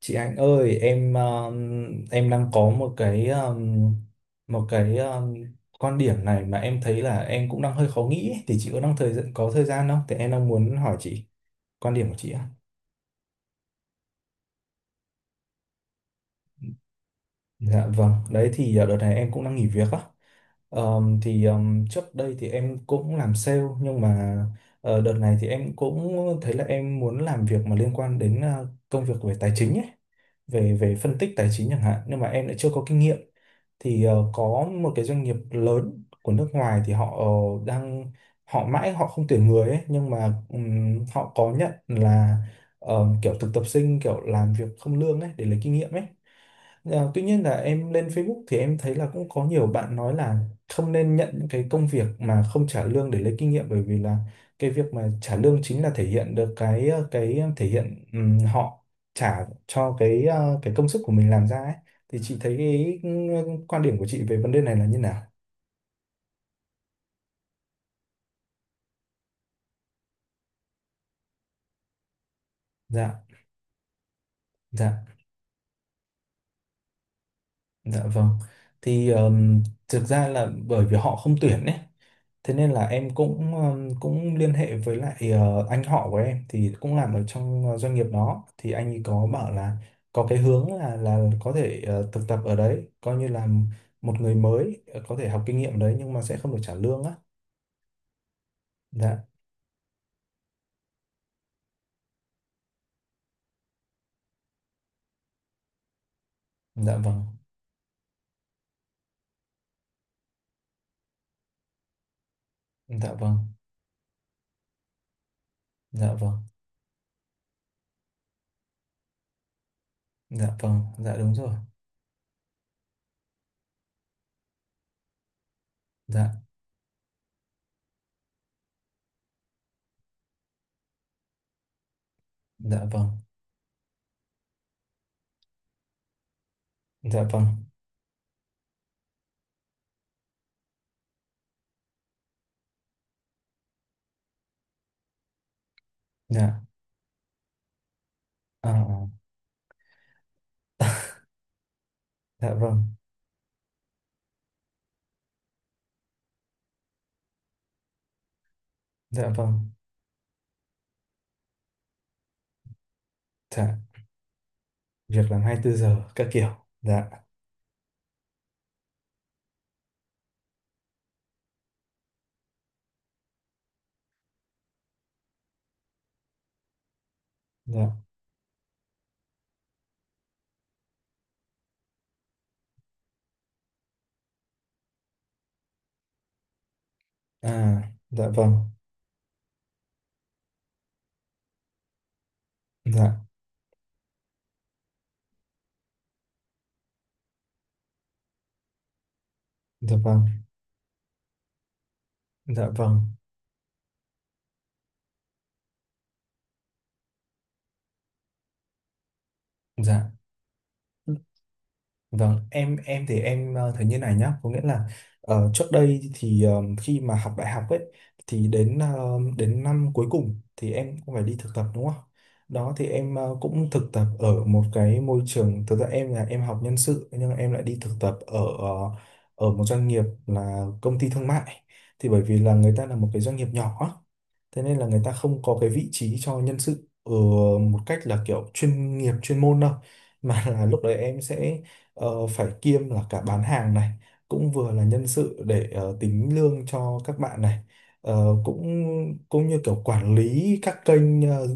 Chị Anh ơi, em em đang có một cái một cái quan điểm này mà em thấy là em cũng đang hơi khó nghĩ ấy. Thì chị có thời gian không? Thì em đang muốn hỏi chị quan điểm của chị ạ. Dạ vâng, đấy thì đợt này em cũng đang nghỉ việc á. Thì trước đây thì em cũng làm sale, nhưng mà đợt này thì em cũng thấy là em muốn làm việc mà liên quan đến công việc về tài chính ấy. Về về phân tích tài chính chẳng hạn, nhưng mà em lại chưa có kinh nghiệm. Thì có một cái doanh nghiệp lớn của nước ngoài thì họ ờ, đang họ mãi họ không tuyển người ấy, nhưng mà họ có nhận là kiểu thực tập sinh, kiểu làm việc không lương ấy, để lấy kinh nghiệm ấy. À, tuy nhiên là em lên Facebook thì em thấy là cũng có nhiều bạn nói là không nên nhận những cái công việc mà không trả lương để lấy kinh nghiệm, bởi vì là cái việc mà trả lương chính là thể hiện được thể hiện họ trả cho cái công sức của mình làm ra ấy. Thì chị thấy cái quan điểm của chị về vấn đề này là như nào? Dạ, dạ. Dạ vâng. Thì thực ra là bởi vì họ không tuyển ấy. Thế nên là em cũng cũng liên hệ với lại anh họ của em thì cũng làm ở trong doanh nghiệp đó, thì anh ấy có bảo là có cái hướng là có thể thực tập ở đấy, coi như là một người mới có thể học kinh nghiệm đấy, nhưng mà sẽ không được trả lương á. Dạ, dạ vâng. Dạ vâng. Dạ vâng. Dạ vâng. Dạ đúng rồi. Dạ, dạ vâng. Dạ vâng. Dạ. À, dạ vâng. Dạ vâng. Dạ, việc làm 24 giờ các kiểu. Dạ. Dạ. À. Dạ vâng. Dạ. Dạ vâng. Dạ vâng. Dạ vâng. Em thì em thấy như này nhá, có nghĩa là trước đây thì khi mà học đại học ấy, thì đến đến năm cuối cùng thì em cũng phải đi thực tập, đúng không? Đó thì em cũng thực tập ở một cái môi trường, thực ra em là em học nhân sự nhưng mà em lại đi thực tập ở ở một doanh nghiệp là công ty thương mại. Thì bởi vì là người ta là một cái doanh nghiệp nhỏ, thế nên là người ta không có cái vị trí cho nhân sự một cách là kiểu chuyên nghiệp chuyên môn đâu, mà là lúc đấy em sẽ phải kiêm là cả bán hàng này, cũng vừa là nhân sự để tính lương cho các bạn này. Ờ, cũng cũng như kiểu quản lý các kênh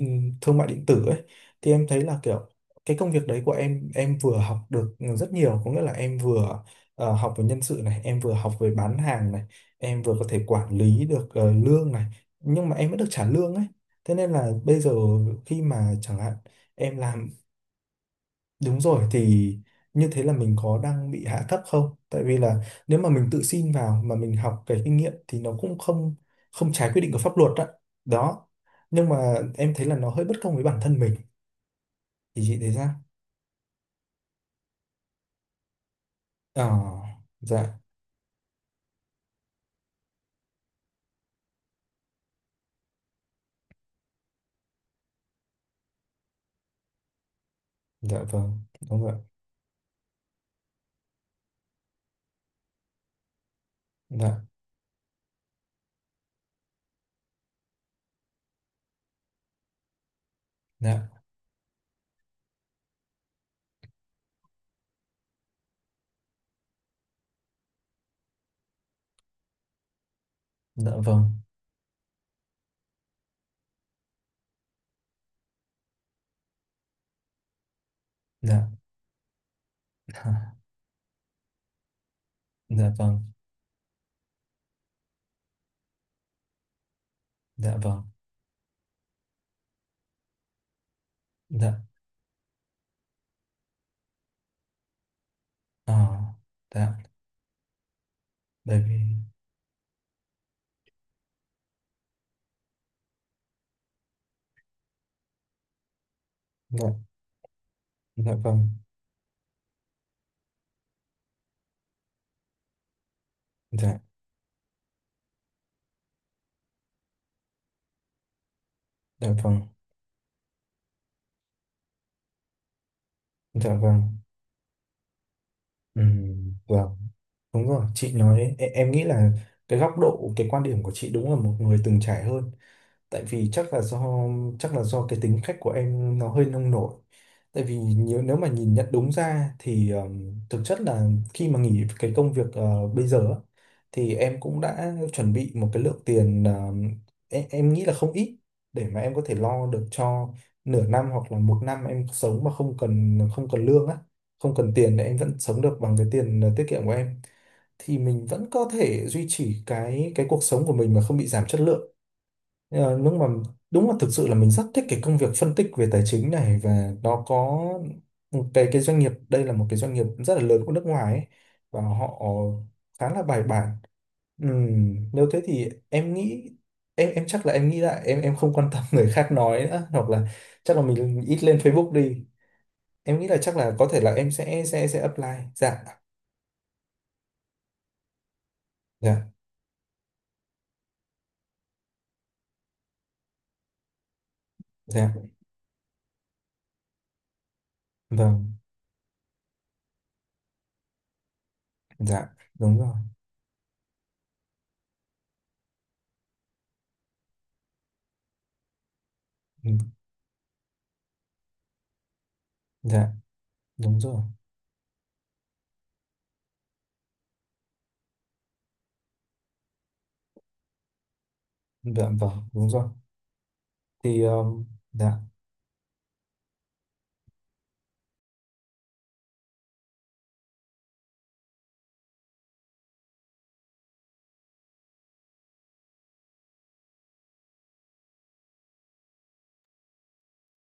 thương mại điện tử ấy. Thì em thấy là kiểu cái công việc đấy của em vừa học được rất nhiều, có nghĩa là em vừa học về nhân sự này, em vừa học về bán hàng này, em vừa có thể quản lý được lương này, nhưng mà em vẫn được trả lương ấy. Thế nên là bây giờ khi mà chẳng hạn em làm, đúng rồi, thì như thế là mình có đang bị hạ thấp không? Tại vì là nếu mà mình tự xin vào mà mình học cái kinh nghiệm thì nó cũng không không trái quy định của pháp luật đó, đó. Nhưng mà em thấy là nó hơi bất công với bản thân mình, thì chị thấy sao? Ờ. Dạ. Dạ vâng. Đúng rồi. Dạ. Dạ. Dạ vâng. Dạ. Dạ vâng. Dạ vâng. Dạ. Ờ. Dạ. Bởi vì. Dạ. Dạ vâng. Dạ. Dạ vâng. Dạ vâng. Vâng, đúng rồi, chị nói, em nghĩ là cái góc độ, cái quan điểm của chị đúng là một người từng trải hơn. Tại vì chắc là do cái tính cách của em nó hơi nông nổi. Tại vì nếu nếu mà nhìn nhận đúng ra thì thực chất là khi mà nghỉ cái công việc bây giờ á, thì em cũng đã chuẩn bị một cái lượng tiền em nghĩ là không ít, để mà em có thể lo được cho nửa năm hoặc là một năm em sống mà không cần không cần lương á, không cần tiền, để em vẫn sống được bằng cái tiền tiết kiệm của em. Thì mình vẫn có thể duy trì cái cuộc sống của mình mà không bị giảm chất lượng. Ờ, đúng mà, đúng là thực sự là mình rất thích cái công việc phân tích về tài chính này, và nó có một cái doanh nghiệp, đây là một cái doanh nghiệp rất là lớn của nước ngoài ấy, và họ khá là bài bản. Nếu thế thì em nghĩ em chắc là em nghĩ lại, em không quan tâm người khác nói nữa, hoặc là chắc là mình ít lên Facebook đi. Em nghĩ là chắc là có thể là em sẽ sẽ apply. Dạ. Dạ. Dạ. Vâng. Dạ. Đúng rồi. Ừm. Dạ. Đúng rồi. Dạ vâng. Đúng rồi. Thì dạ.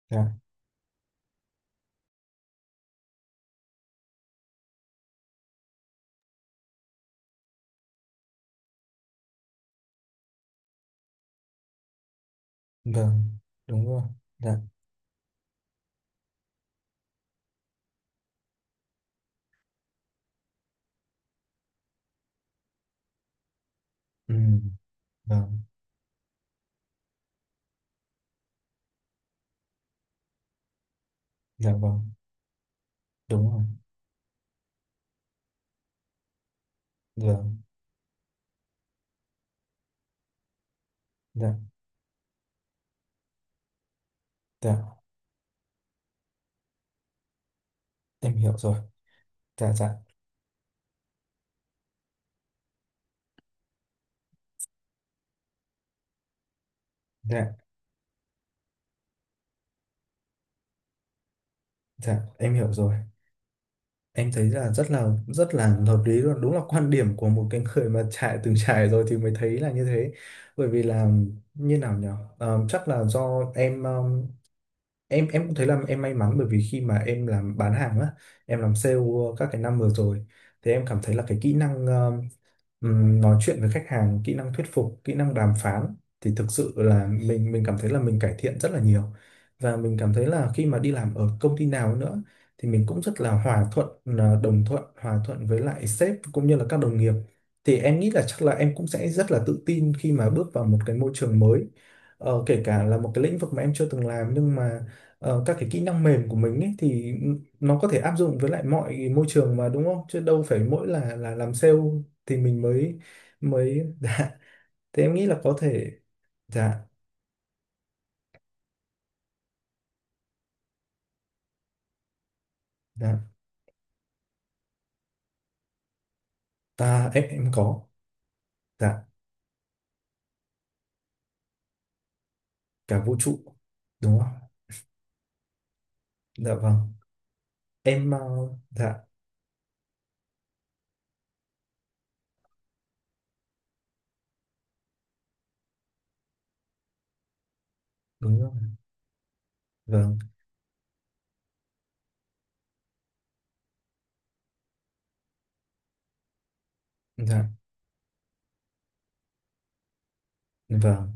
Dạ vâng. Đúng rồi. Dạ. Ừ. Vâng. Dạ vâng. Đúng rồi. Vâng. Dạ. Dạ em hiểu rồi. Dạ. Dạ. Dạ. Dạ em hiểu rồi. Em thấy là rất là rất là hợp lý luôn, đúng là quan điểm của một cái người mà trải từng trải rồi thì mới thấy là như thế. Bởi vì là như nào nhỉ? Ờ, chắc là do em cũng thấy là em may mắn, bởi vì khi mà em làm bán hàng á, em làm sale các cái năm vừa rồi, thì em cảm thấy là cái kỹ năng nói chuyện với khách hàng, kỹ năng thuyết phục, kỹ năng đàm phán thì thực sự là mình cảm thấy là mình cải thiện rất là nhiều. Và mình cảm thấy là khi mà đi làm ở công ty nào nữa thì mình cũng rất là hòa thuận, là đồng thuận hòa thuận với lại sếp cũng như là các đồng nghiệp. Thì em nghĩ là chắc là em cũng sẽ rất là tự tin khi mà bước vào một cái môi trường mới. Ờ, kể cả là một cái lĩnh vực mà em chưa từng làm, nhưng mà các cái kỹ năng mềm của mình ấy, thì nó có thể áp dụng với lại mọi môi trường mà, đúng không? Chứ đâu phải mỗi là làm sale thì mình mới mới dạ. Thế em nghĩ là có thể dạ. Dạ. Ta em có. Dạ. Cả vũ trụ. Đúng không? Dạ vâng. Em dạ đúng rồi. Vâng. Dạ vâng.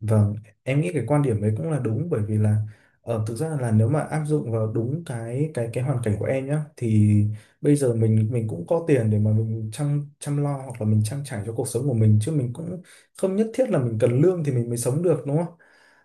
Vâng, em nghĩ cái quan điểm đấy cũng là đúng, bởi vì là thực ra là nếu mà áp dụng vào đúng cái hoàn cảnh của em nhá, thì bây giờ mình cũng có tiền để mà mình chăm chăm lo hoặc là mình trang trải cho cuộc sống của mình, chứ mình cũng không nhất thiết là mình cần lương thì mình mới sống được, đúng không?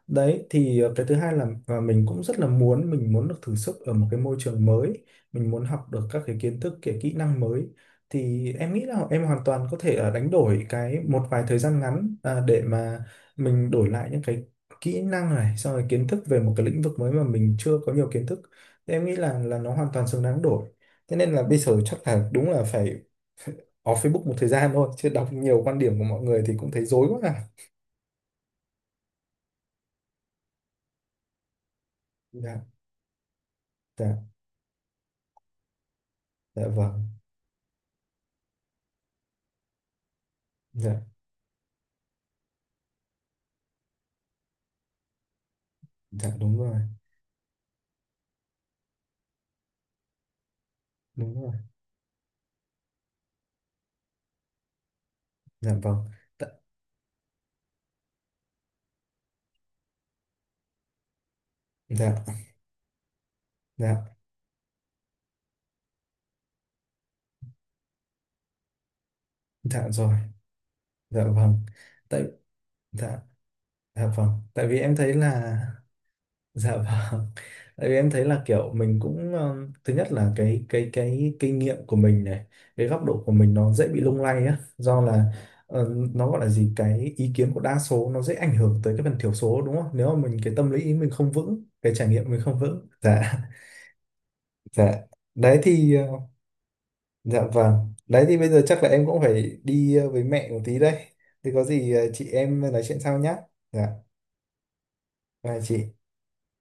Đấy thì cái thứ hai là và mình cũng rất là muốn, mình muốn được thử sức ở một cái môi trường mới, mình muốn học được các cái kiến thức, cái kỹ năng mới. Thì em nghĩ là em hoàn toàn có thể đánh đổi cái một vài thời gian ngắn à, để mà mình đổi lại những cái kỹ năng này, xong rồi kiến thức về một cái lĩnh vực mới mà mình chưa có nhiều kiến thức, thì em nghĩ là nó hoàn toàn xứng đáng đổi. Thế nên là bây giờ chắc là đúng là phải off Facebook một thời gian thôi, chứ đọc nhiều quan điểm của mọi người thì cũng thấy rối quá à. Dạ. Dạ. Dạ vâng. Dạ. Dạ. Đúng rồi. Đúng rồi. Dạ vâng. Tạ- dạ. Dạ. Dạ rồi. Dạ vâng. Tại. Dạ. Dạ vâng. Tại vì em thấy là dạ vâng. Tại vì em thấy là kiểu mình cũng thứ nhất là cái kinh nghiệm của mình này, cái góc độ của mình nó dễ bị lung lay á, do là ờ, nó gọi là gì, cái ý kiến của đa số nó dễ ảnh hưởng tới cái phần thiểu số, đúng không? Nếu mà mình cái tâm lý mình không vững, cái trải nghiệm mình không vững. Dạ. Dạ. Đấy thì dạ vâng. Đấy thì bây giờ chắc là em cũng phải đi với mẹ một tí đây. Thì có gì chị em nói chuyện sau nhá. Dạ. Bye chị.